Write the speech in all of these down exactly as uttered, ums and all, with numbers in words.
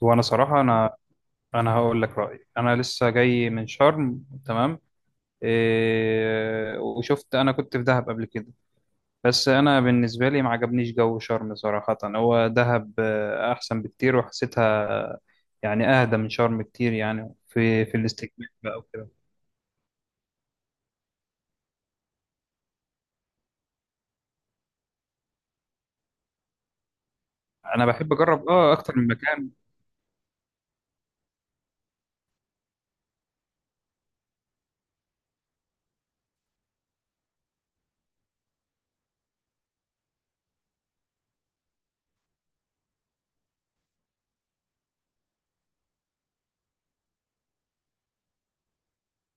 وانا صراحه انا انا هقول لك رايي. انا لسه جاي من شرم، تمام. إيه، وشفت انا كنت في دهب قبل كده. بس انا بالنسبه لي ما عجبنيش جو شرم صراحه، هو دهب آه، احسن بكتير، وحسيتها يعني اهدى من شرم كتير، يعني في في الاستجمام بقى وكده. انا بحب اجرب اه اكتر من مكان.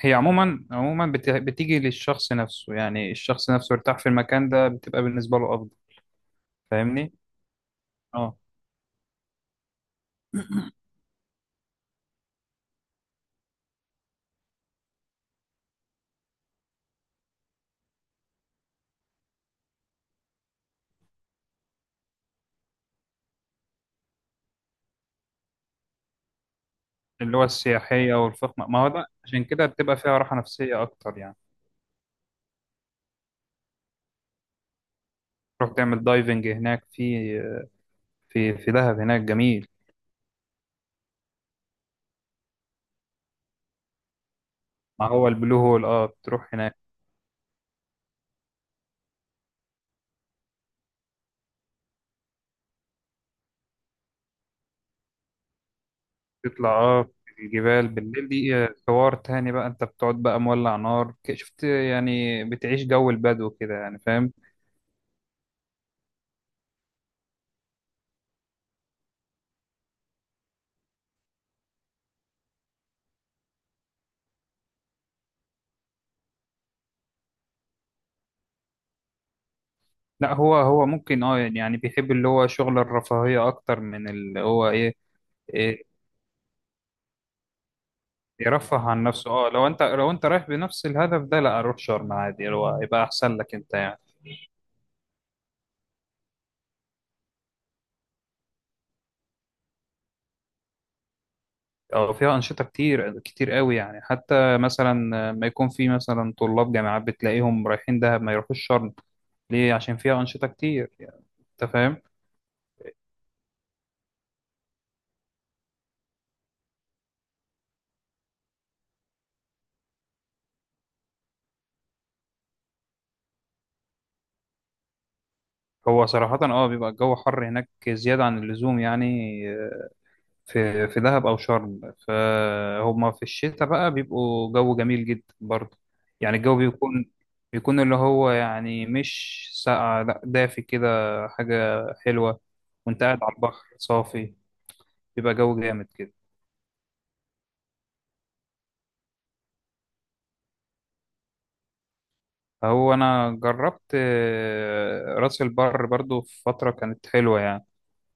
هي عموما عموما بت- بتيجي للشخص نفسه، يعني الشخص نفسه يرتاح في المكان ده، بتبقى بالنسبه له افضل. فاهمني. آه. اللي هو السياحية والفخمة، ما هو ده عشان كده بتبقى فيها راحة نفسية أكتر يعني. تروح تعمل دايفنج هناك في في في دهب، هناك جميل. ما هو البلو هول، اه بتروح هناك. تطلع، اه. الجبال بالليل دي آه، حوار تاني بقى، انت بتقعد بقى مولع نار، ك- شفت يعني، بتعيش جو البدو كده يعني، فاهم. لا، هو هو ممكن، اه يعني بيحب اللي هو شغل الرفاهية أكتر من اللي هو إيه, إيه يرفه عن نفسه. اه لو انت لو انت رايح بنفس الهدف ده، لا روح شرم عادي، اللي هو يبقى أحسن لك انت يعني. اه، فيها أنشطة كتير كتير قوي يعني، حتى مثلا ما يكون في مثلا طلاب جامعات بتلاقيهم رايحين دهب ما يروحوش شرم. ليه؟ عشان فيها أنشطة كتير يعني، انت فاهم. هو صراحة اه بيبقى الجو حر هناك زيادة عن اللزوم يعني، في في دهب أو شرم، فهما في الشتاء بقى بيبقوا جو جميل جدا برضه. يعني الجو بيكون بيكون اللي هو يعني مش ساقع، لا دافي كده، حاجة حلوة. وانت قاعد على البحر صافي، بيبقى جو جامد كده. هو انا جربت آه، راس البر برضو في فتره، كانت حلوه يعني.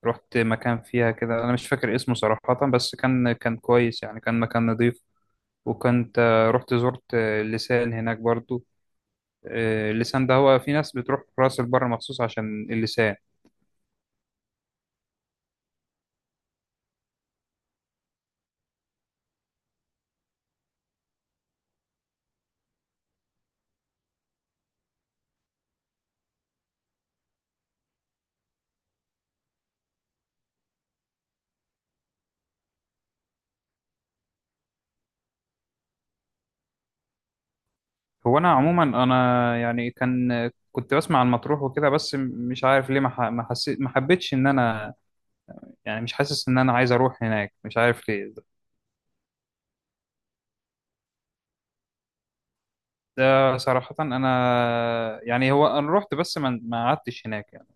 رحت مكان فيها كده، انا مش فاكر اسمه صراحه، بس كان كان كويس يعني، كان مكان نظيف. وكنت آه، رحت زرت آه، اللسان هناك برضو. آه، اللسان ده هو، في ناس بتروح راس البر مخصوص عشان اللسان. هو انا عموما، انا يعني كان كنت بسمع عن مطروح وكده، بس م- مش عارف ليه، ما ح- ما حسيت ما حبيتش ان انا، يعني مش حاسس ان انا عايز اروح هناك، مش عارف ليه. ده صراحة أنا، يعني هو أنا رحت بس ما ما قعدتش هناك يعني.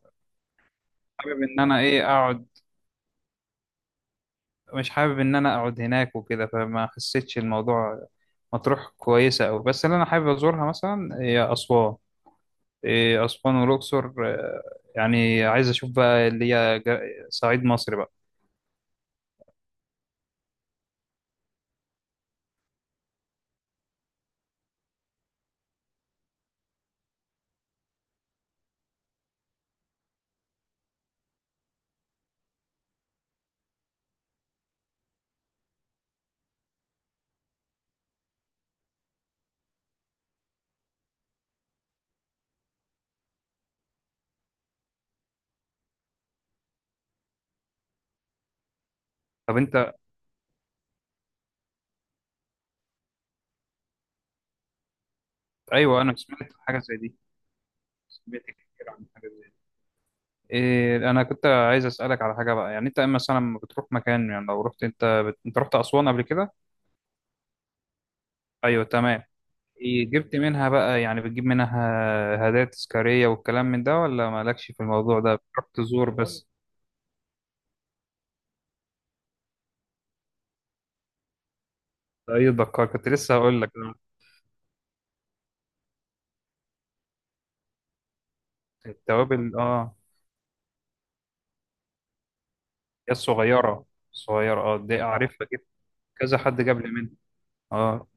حابب إن أنا إيه أقعد، مش حابب إن أنا أقعد هناك وكده، فما حسيتش الموضوع. مطروح كويسة أوي، بس اللي أنا حابب أزورها مثلا هي أسوان. إيه أسوان والأقصر، آه، يعني عايز أشوف بقى اللي هي، جا- صعيد مصر بقى. طب أنت. أيوه، أنا سمعت حاجة زي دي، سمعت كتير عن حاجة زي دي. إيه أنا كنت عايز أسألك على حاجة بقى، يعني أنت مثلا لما بتروح مكان يعني، لو رحت أنت بت... أنت رحت أسوان قبل كده؟ أيوه، تمام. إيه، جبت منها بقى يعني، بتجيب منها هدايا تذكارية والكلام من ده، ولا مالكش في الموضوع ده بتروح تزور بس؟ اي دكار، كنت لسه هقول لك. التوابل، اه. هي الصغيرة، صغيرة اه، دي اعرفها جدا. كذا حد جاب لي منها. اه.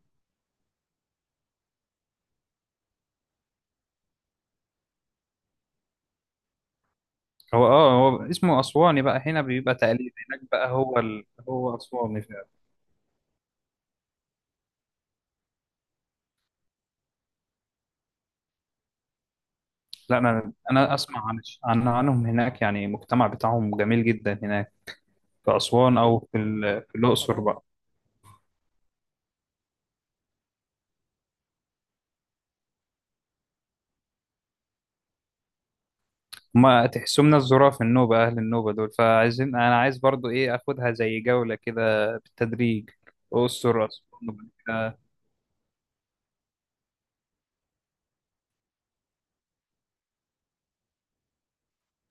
هو اه هو اسمه اسواني بقى، هنا بيبقى تقليد، هناك بقى هو ال... هو اسواني فعلا. لا، انا انا اسمع عن عن عنهم هناك، يعني المجتمع بتاعهم جميل جدا هناك، في اسوان او في ال... في الاقصر بقى. ما تحسوا من الظراف، النوبة أهل النوبة دول، فعايزين، أنا عايز برضو إيه أخدها زي جولة كده بالتدريج، أقصر أسوان وبعد كده.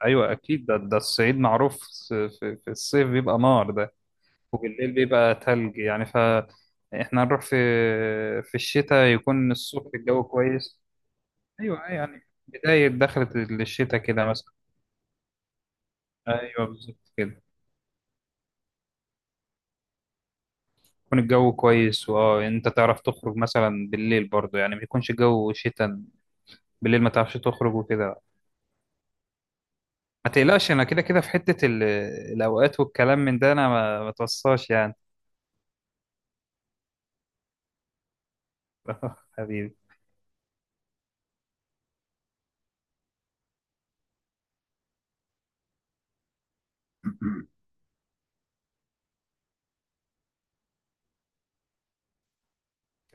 أيوة أكيد، ده, ده الصعيد معروف، س- في, في الصيف بيبقى نار ده، وبالليل بيبقى تلج يعني، فإحنا هنروح في في الشتاء، يكون الصبح الجو كويس. أيوة، أيوة، يعني بداية دخلة الشتاء كده مثلا. أيوة بالظبط كده. يكون الجو كويس، وأه أنت تعرف تخرج مثلا بالليل برضو يعني، ما يكونش جو شتاء بالليل ما تعرفش تخرج وكده. ما تقلقش، انا كده كده في حتة ال- الاوقات والكلام من ده، انا ما ما توصاش يعني. حبيبي.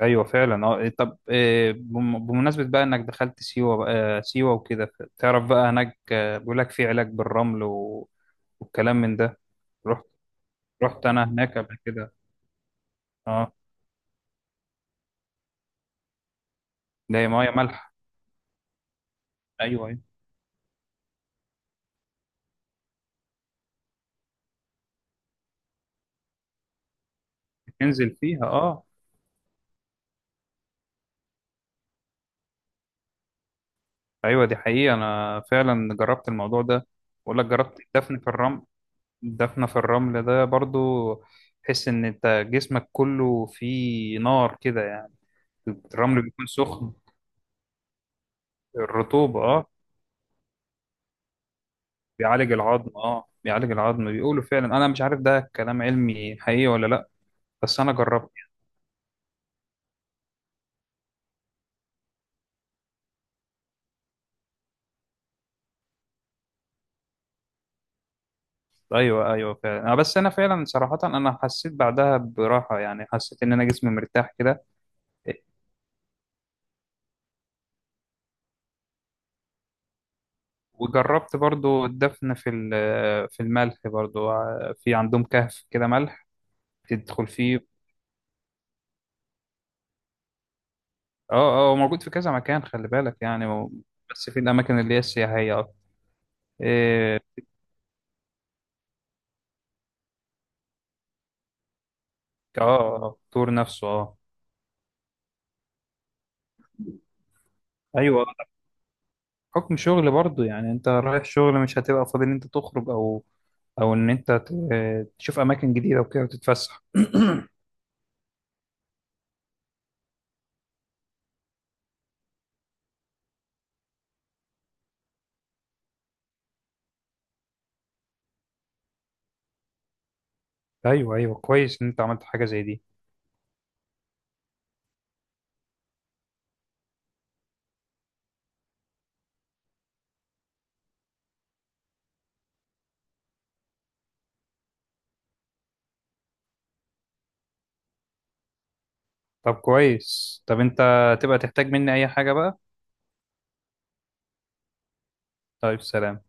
ايوه فعلا، اه طب، آه، بم- بمناسبة بقى انك دخلت سيوة بقى، آه، سيوة وكده، ف- تعرف بقى هناك، آه، بيقول لك في علاج بالرمل و... والكلام من ده. رحت رحت انا هناك قبل كده. اه. ده ميه مالحه. ايوه، أيوة. تنزل فيها، اه. ايوه دي حقيقة، انا فعلا جربت الموضوع ده، بقول لك جربت الدفن في الرمل. دفنة في الرمل ده برضو، تحس إن أنت جسمك كله فيه نار كده يعني. الرمل بيكون سخن. الرطوبة، أه. بيعالج العظم، أه، بيعالج العظم، بيقولوا فعلا، أنا مش عارف ده كلام علمي حقيقي ولا لأ، بس أنا جربت. أيوه، أيوه، فعلا آه، بس أنا فعلا صراحة، أنا حسيت بعدها براحة، يعني حسيت إن أنا جسمي مرتاح كده. وجربت برضو الدفن في ال- في الملح برضو، آه، في عندهم كهف كده ملح، تدخل فيه. اه اه هو موجود في كذا مكان، خلي بالك يعني، و- بس في الاماكن اللي هي السياحيه اكتر. إيه، اه، آه، الطور نفسه، اه. ايوه، حكم شغل برضه يعني، انت رايح شغل، مش هتبقى فاضي ان انت تخرج او او ان انت ت- تشوف اماكن جديده وكده وتتفسح. ايوه، ايوه، كويس ان انت عملت حاجه زي دي. طب كويس، طب انت تبقى تحتاج مني اي حاجه بقى. طيب، سلام.